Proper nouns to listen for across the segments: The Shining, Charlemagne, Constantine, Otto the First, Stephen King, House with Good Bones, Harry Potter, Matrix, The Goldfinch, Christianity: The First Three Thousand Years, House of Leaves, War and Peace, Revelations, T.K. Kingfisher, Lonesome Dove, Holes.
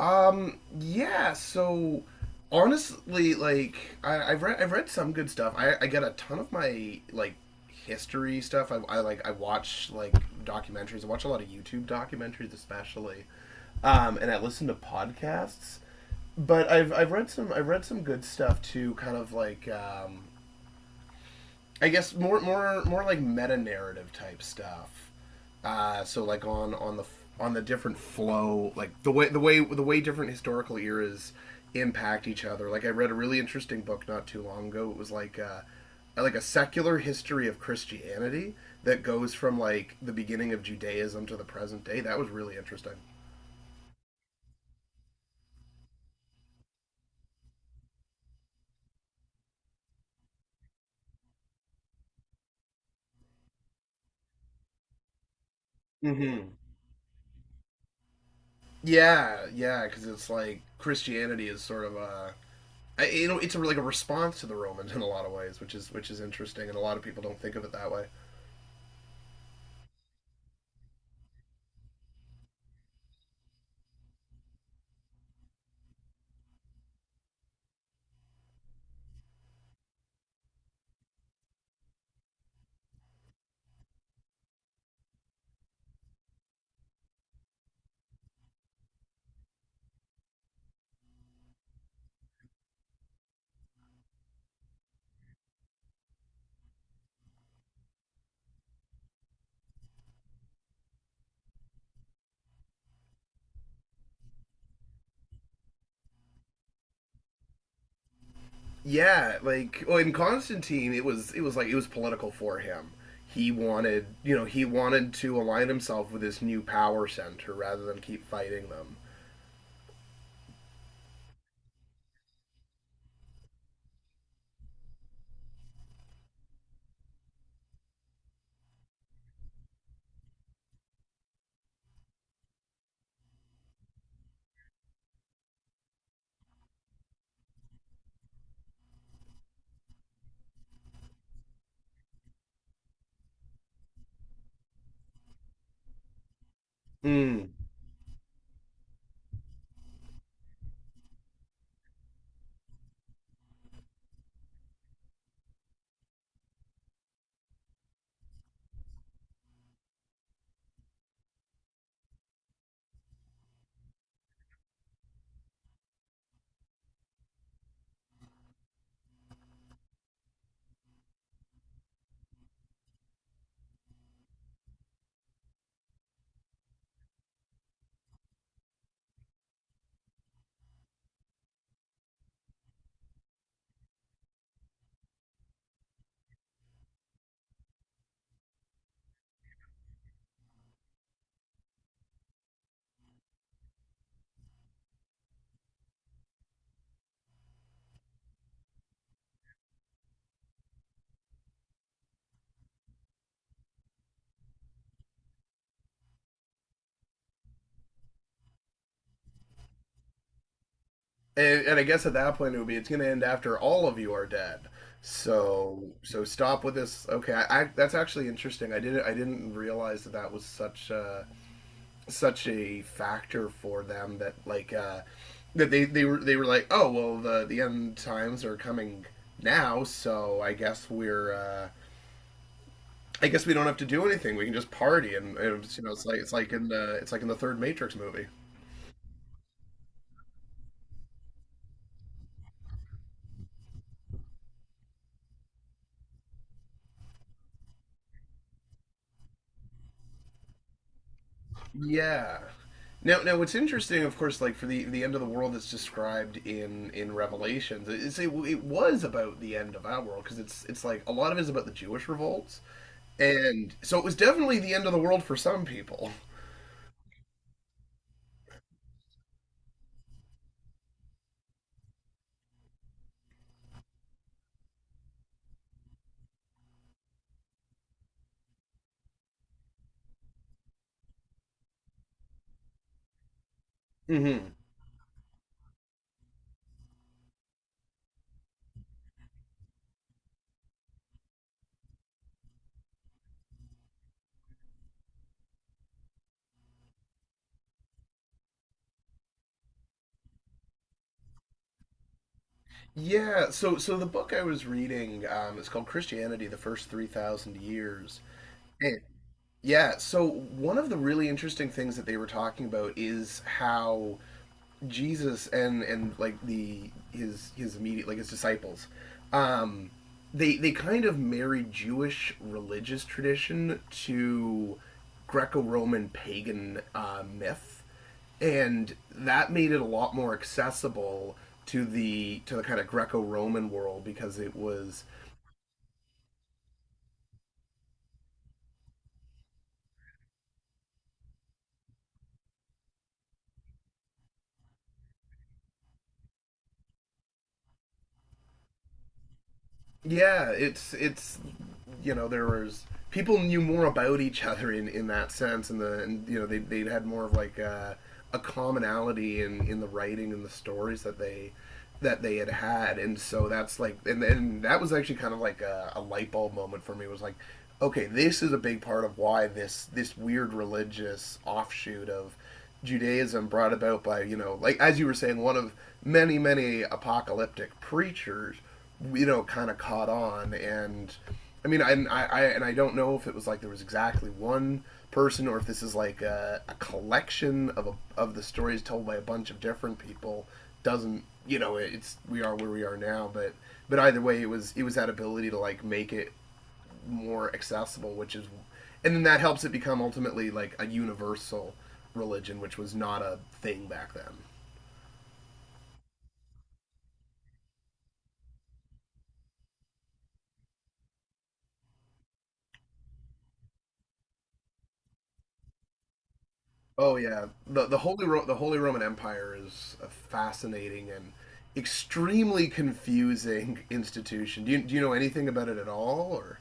Yeah. So honestly, like I've read some good stuff. I get a ton of my, like, history stuff. I watch, like, documentaries. I watch a lot of YouTube documentaries, especially, and I listen to podcasts. But I've read some good stuff too. Kind of like, I guess, more like meta narrative type stuff. So, like, on the different flow, like the way the way different historical eras impact each other. Like I read a really interesting book not too long ago. It was like a secular history of Christianity that goes from, like, the beginning of Judaism to the present day. That was really interesting. Mm-hmm. Yeah, yeah, because it's like Christianity is sort of a, I, it's a, like, a response to the Romans in a lot of ways, which is interesting, and a lot of people don't think of it that way. Yeah, like, well, in Constantine, it was like it was political for him. He wanted to align himself with this new power center rather than keep fighting them. Mm. And I guess at that point it would be it's going to end after all of you are dead. So stop with this. Okay, that's actually interesting. I didn't realize that that was such a factor for them, that, like, that they were like, oh well, the end times are coming now, so I guess we're. I guess we don't have to do anything. We can just party, and it's like it's like in the third Matrix movie. Yeah. Now, what's interesting, of course, like, for the end of the world that's described in Revelations, it was about the end of our world, because it's like a lot of it is about the Jewish revolts, and so it was definitely the end of the world for some people. Mm-hmm. Yeah. So the book I was reading, it's called Christianity: The First 3,000 Years. And yeah. So one of the really interesting things that they were talking about is how Jesus and like, the his immediate, like, his disciples, um, they kind of married Jewish religious tradition to Greco-Roman pagan, myth, and that made it a lot more accessible to the kind of Greco-Roman world, because it was. Yeah, it's you know there was, people knew more about each other in that sense, and the and you know they had more of, like, a commonality in the writing and the stories that they had had, and so that's like. And then that was actually kind of like a light bulb moment for me. It was like, okay, this is a big part of why this weird religious offshoot of Judaism, brought about by, like, as you were saying, one of many apocalyptic preachers, kind of caught on. And I mean, and I don't know if it was like there was exactly one person, or if this is like a collection of of the stories told by a bunch of different people. Doesn't, you know? It's, we are where we are now, but either way, it was that ability to, like, make it more accessible, which is, and then that helps it become ultimately like a universal religion, which was not a thing back then. Oh yeah, the Holy Roman Empire is a fascinating and extremely confusing institution. Do you know anything about it at all, or?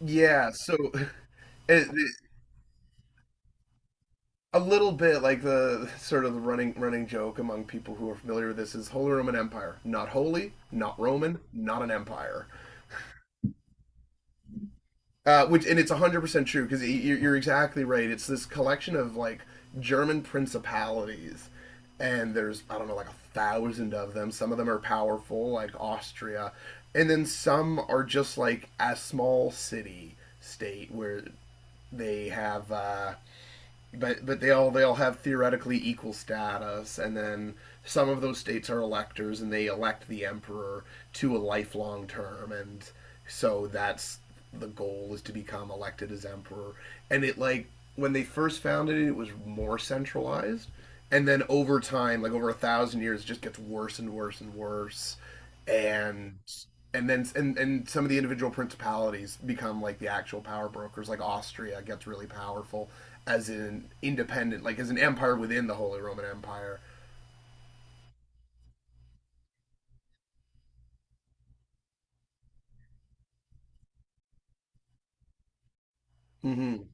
Yeah, so it- a little bit like, the sort of the running joke among people who are familiar with this is: Holy Roman Empire, not holy, not Roman, not an empire. Which, and it's 100% true, because you're exactly right. It's this collection of, like, German principalities, and there's, I don't know, like a thousand of them. Some of them are powerful, like Austria, and then some are just like a small city state where they have but they all they all have theoretically equal status, and then some of those states are electors, and they elect the emperor to a lifelong term, and so that's, the goal is to become elected as emperor. And it, like, when they first founded it, it was more centralized, and then over time, like over a thousand years, it just gets worse and worse and worse, and and then and some of the individual principalities become, like, the actual power brokers, like Austria gets really powerful as an independent, like as an empire within the Holy Roman Empire. Mm-hmm.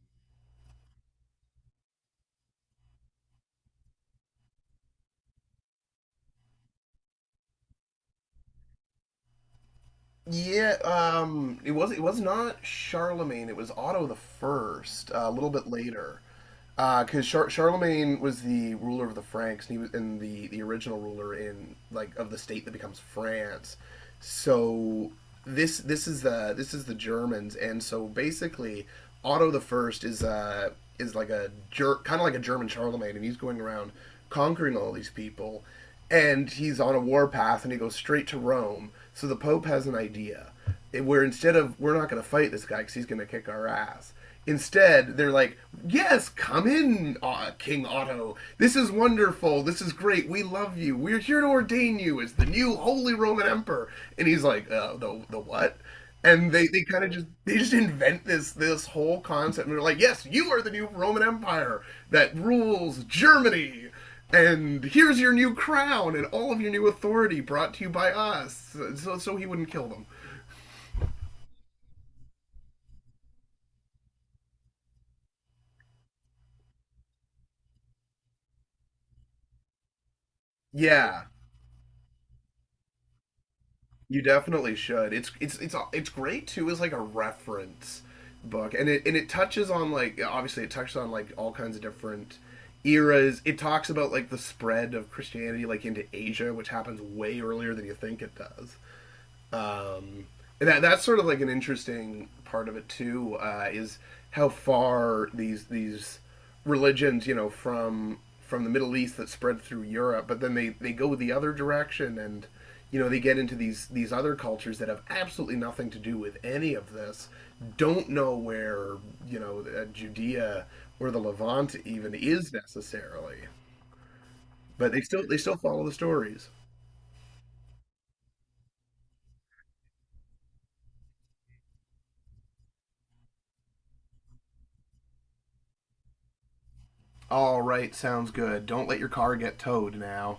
Yeah, it was not Charlemagne. It was Otto the First. A little bit later, because Charlemagne was the ruler of the Franks, and he was in the original ruler in, like, of the state that becomes France. So this is the Germans, and so basically Otto the First is like a jerk, kind of like a German Charlemagne, and he's going around conquering all these people, and he's on a war path, and he goes straight to Rome. So the Pope has an idea, where, instead of, we're not going to fight this guy because he's going to kick our ass. Instead, they're like, "Yes, come in, King Otto. This is wonderful. This is great. We love you. We're here to ordain you as the new Holy Roman Emperor." And he's like, "The what?" And they kind of just invent this whole concept, and they're like, "Yes, you are the new Roman Empire that rules Germany." And here's your new crown and all of your new authority, brought to you by us, so he wouldn't kill them. Yeah, you definitely should. It's great too, as like a reference book, and it touches on, like, obviously it touches on, like, all kinds of different eras. It talks about, like, the spread of Christianity, like into Asia, which happens way earlier than you think it does. Um, and that's sort of like an interesting part of it too, is how far these religions, from the Middle East, that spread through Europe, but then they go the other direction, and, they get into these other cultures that have absolutely nothing to do with any of this, don't know where, Judea or the Levant even is necessarily, but they still follow the stories. All right, sounds good. Don't let your car get towed now.